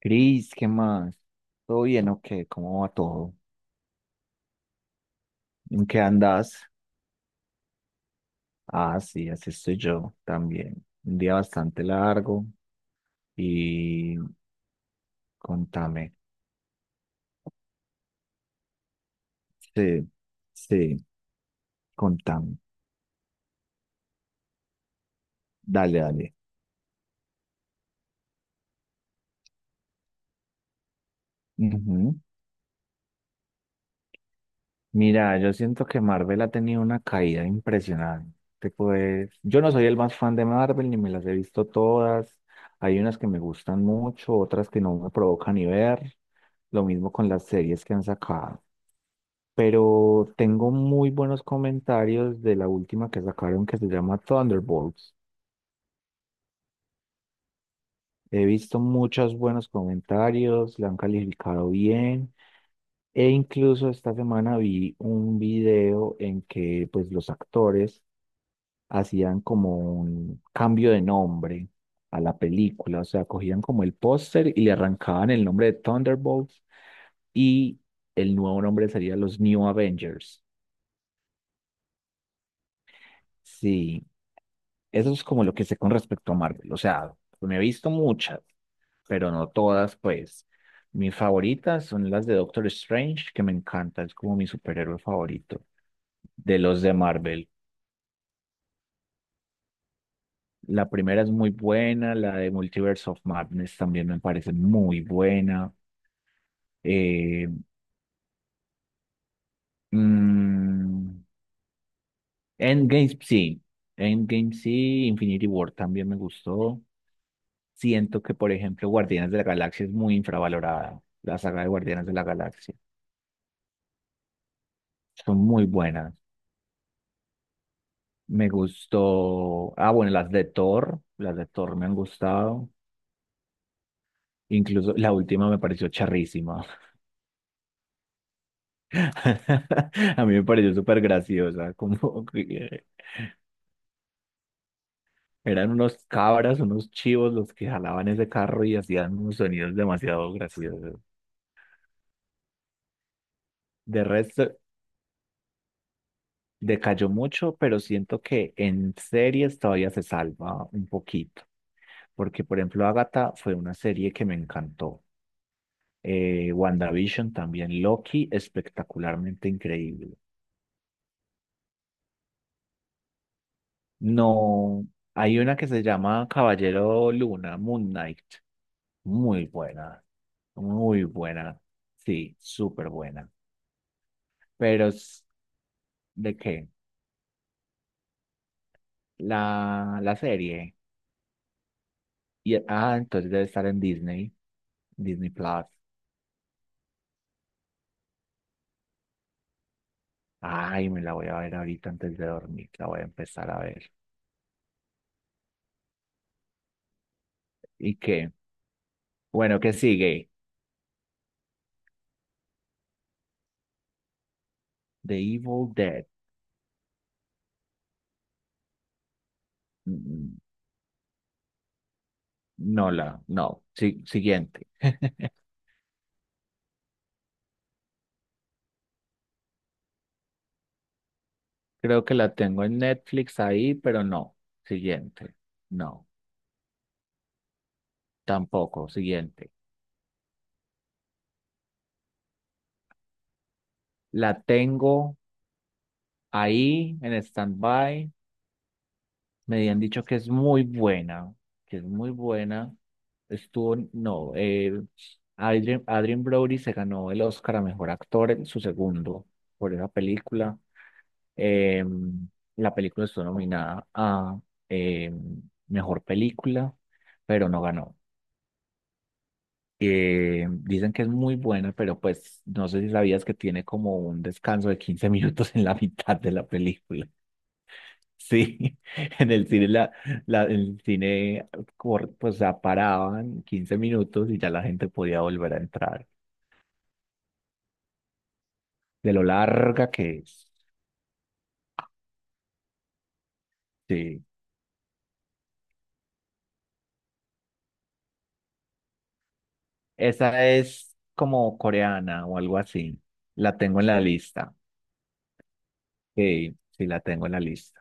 Cris, ¿qué más? ¿Todo bien o qué? ¿Cómo va todo? ¿En qué andas? Ah, sí, así estoy yo también. Un día bastante largo y contame. Sí, sí, contame. Dale, dale. Ujú. Mira, yo siento que Marvel ha tenido una caída impresionante. Pues, yo no soy el más fan de Marvel, ni me las he visto todas. Hay unas que me gustan mucho, otras que no me provocan ni ver. Lo mismo con las series que han sacado. Pero tengo muy buenos comentarios de la última que sacaron, que se llama Thunderbolts. He visto muchos buenos comentarios, la han calificado bien e incluso esta semana vi un video en que pues los actores hacían como un cambio de nombre a la película. O sea, cogían como el póster y le arrancaban el nombre de Thunderbolts y el nuevo nombre sería los New Avengers. Sí, eso es como lo que sé con respecto a Marvel. O sea, me he visto muchas, pero no todas, pues. Mis favoritas son las de Doctor Strange, que me encanta, es como mi superhéroe favorito de los de Marvel. La primera es muy buena, la de Multiverse of Madness también me parece muy buena. Eh, mm, Endgame sí, Endgame sí, Infinity War también me gustó. Siento que, por ejemplo, Guardianes de la Galaxia es muy infravalorada. La saga de Guardianes de la Galaxia. Son muy buenas. Me gustó. Ah, bueno, las de Thor. Las de Thor me han gustado. Incluso la última me pareció charrísima. A mí me pareció súper graciosa. Como que eran unos cabras, unos chivos los que jalaban ese carro y hacían unos sonidos demasiado graciosos. De resto, decayó mucho, pero siento que en series todavía se salva un poquito. Porque por ejemplo Agatha fue una serie que me encantó. WandaVision también, Loki espectacularmente increíble. No, hay una que se llama Caballero Luna, Moon Knight, muy buena, muy buena, sí, súper buena. Pero es- ¿de qué? La serie. Y, ah, entonces debe estar en Disney, Disney Plus. Ay, me la voy a ver ahorita antes de dormir, la voy a empezar a ver. ¿Y qué? Bueno, ¿qué sigue? The Evil Dead. Mm, No la, no. Sí, siguiente. Creo que la tengo en Netflix ahí, pero no. Siguiente. No, tampoco. Siguiente. La tengo ahí en stand-by. Me habían dicho que es muy buena, que es muy buena. Estuvo, no, Adrien, Adrien Brody se ganó el Oscar a mejor actor en su segundo por esa película. Eh, la película estuvo nominada a eh, mejor película, pero no ganó. Dicen que es muy buena, pero pues no sé si sabías que tiene como un descanso de 15 minutos en la mitad de la película. Sí, en el cine, la- el cine cor- pues se paraban 15 minutos y ya la gente podía volver a entrar. De lo larga que es. Sí, esa es como coreana o algo así. La tengo en la lista. Sí, sí la tengo en la lista.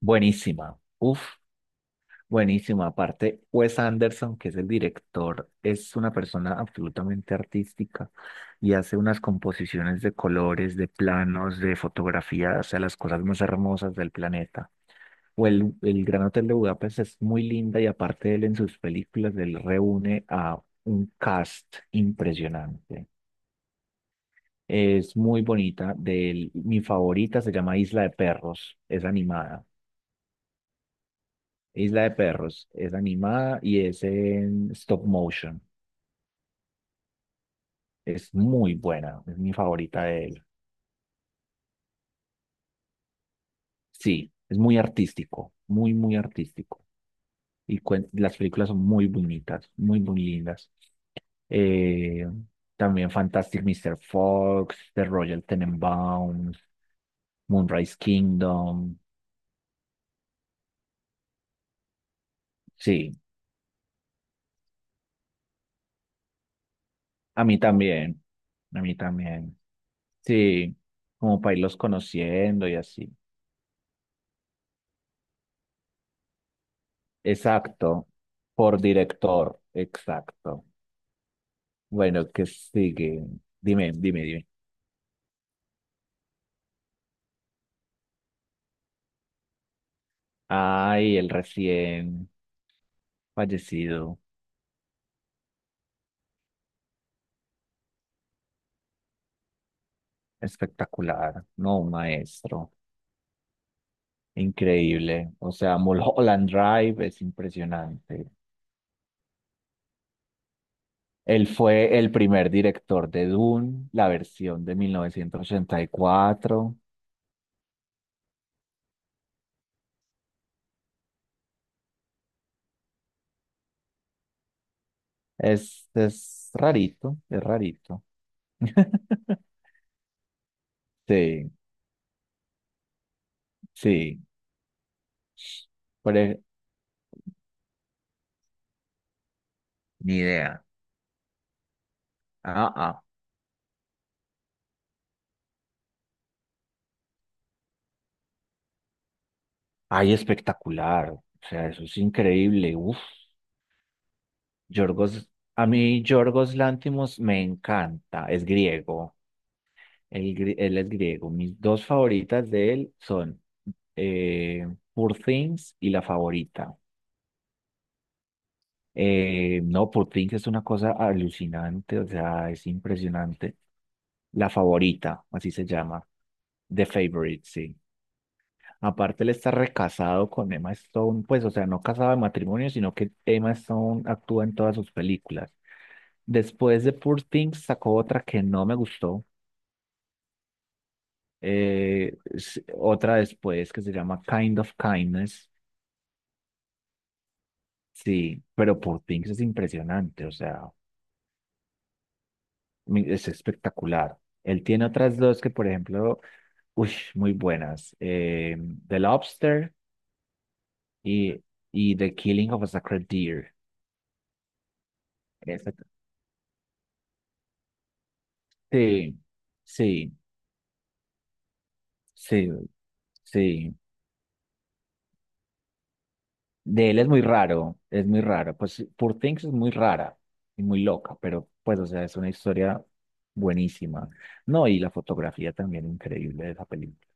Buenísima. Uf, buenísima. Aparte, Wes Anderson, que es el director, es una persona absolutamente artística y hace unas composiciones de colores, de planos, de fotografías, o sea, las cosas más hermosas del planeta. O el Gran Hotel de Budapest es muy linda y aparte él en sus películas, él reúne a un cast impresionante. Es muy bonita. De él, mi favorita se llama Isla de Perros. Es animada. Isla de Perros es animada y es en stop motion. Es muy buena, es mi favorita de él. Sí, es muy artístico, muy, muy artístico. Y cuen- las películas son muy bonitas, muy, muy lindas. Eh, también Fantastic Mr. Fox, The Royal Tenenbaums, Moonrise Kingdom. Sí, a mí también, a mí también. Sí, como para irlos conociendo y así. Exacto, por director, exacto. Bueno, ¿qué sigue? Dime, dime, dime. Ay, el recién fallecido, espectacular, no, un maestro, increíble. O sea, Mulholland Drive es impresionante. Él fue el primer director de Dune, la versión de 1984. Es rarito, es rarito. Sí, sí, por e- ni idea. Ah, ah. Ay, espectacular. O sea, eso es increíble. Uf. Yorgos, a mí Yorgos Lántimos me encanta. Es griego. Él, gri- él es griego. Mis dos favoritas de él son eh, Poor Things y La Favorita. No, Poor Things es una cosa alucinante. O sea, es impresionante. La Favorita, así se llama. The Favorite, sí. Aparte, él está recasado con Emma Stone, pues, o sea, no casado de matrimonio, sino que Emma Stone actúa en todas sus películas. Después de Poor Things sacó otra que no me gustó, s- otra después que se llama Kind of Kindness, sí, pero Poor Things es impresionante, o sea, mi- es espectacular. Él tiene otras dos que, por ejemplo, uy, muy buenas, The Lobster y, y The Killing of a Sacred Deer. Esa- Sí, sí. Sí, sí. De él es muy raro, es muy raro. Pues Poor Things es muy rara y muy loca, pero pues, o sea, es una historia buenísima. No, y la fotografía también increíble de esa película.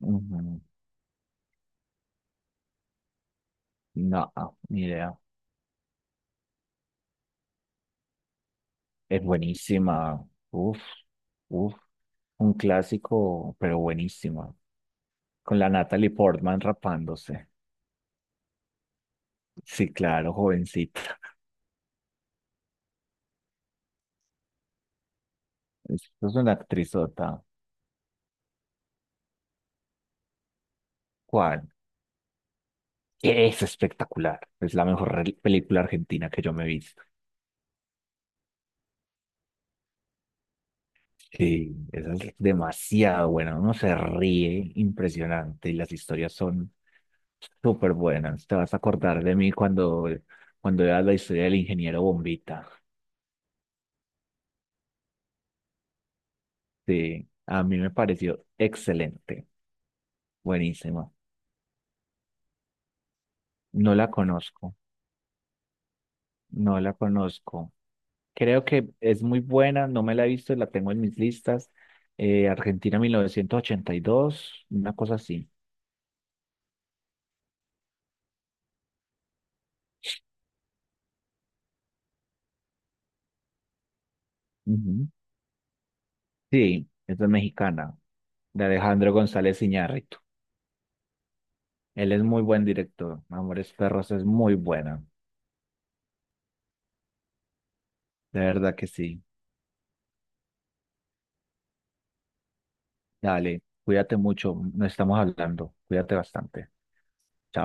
Ujú. No, ni idea. Es buenísima. Uf, uf. Un clásico, pero buenísima. Con la Natalie Portman rapándose. Sí, claro, jovencita. Esto es una actrizota. ¿Cuál? Es espectacular. Es la mejor re- película argentina que yo me he visto. Sí, esa es demasiado buena. Uno se ríe impresionante y las historias son súper buenas. Te vas a acordar de mí cuando, cuando veas la historia del ingeniero Bombita. Sí, a mí me pareció excelente. Buenísima. No la conozco. No la conozco. Creo que es muy buena. No me la he visto. La tengo en mis listas. Argentina 1982, una cosa así. Ujú. Sí, esta es mexicana, de Alejandro González Iñárritu. Él es muy buen director. Amores Perros es muy buena. De verdad que sí. Dale, cuídate mucho. No estamos hablando. Cuídate bastante. Chao.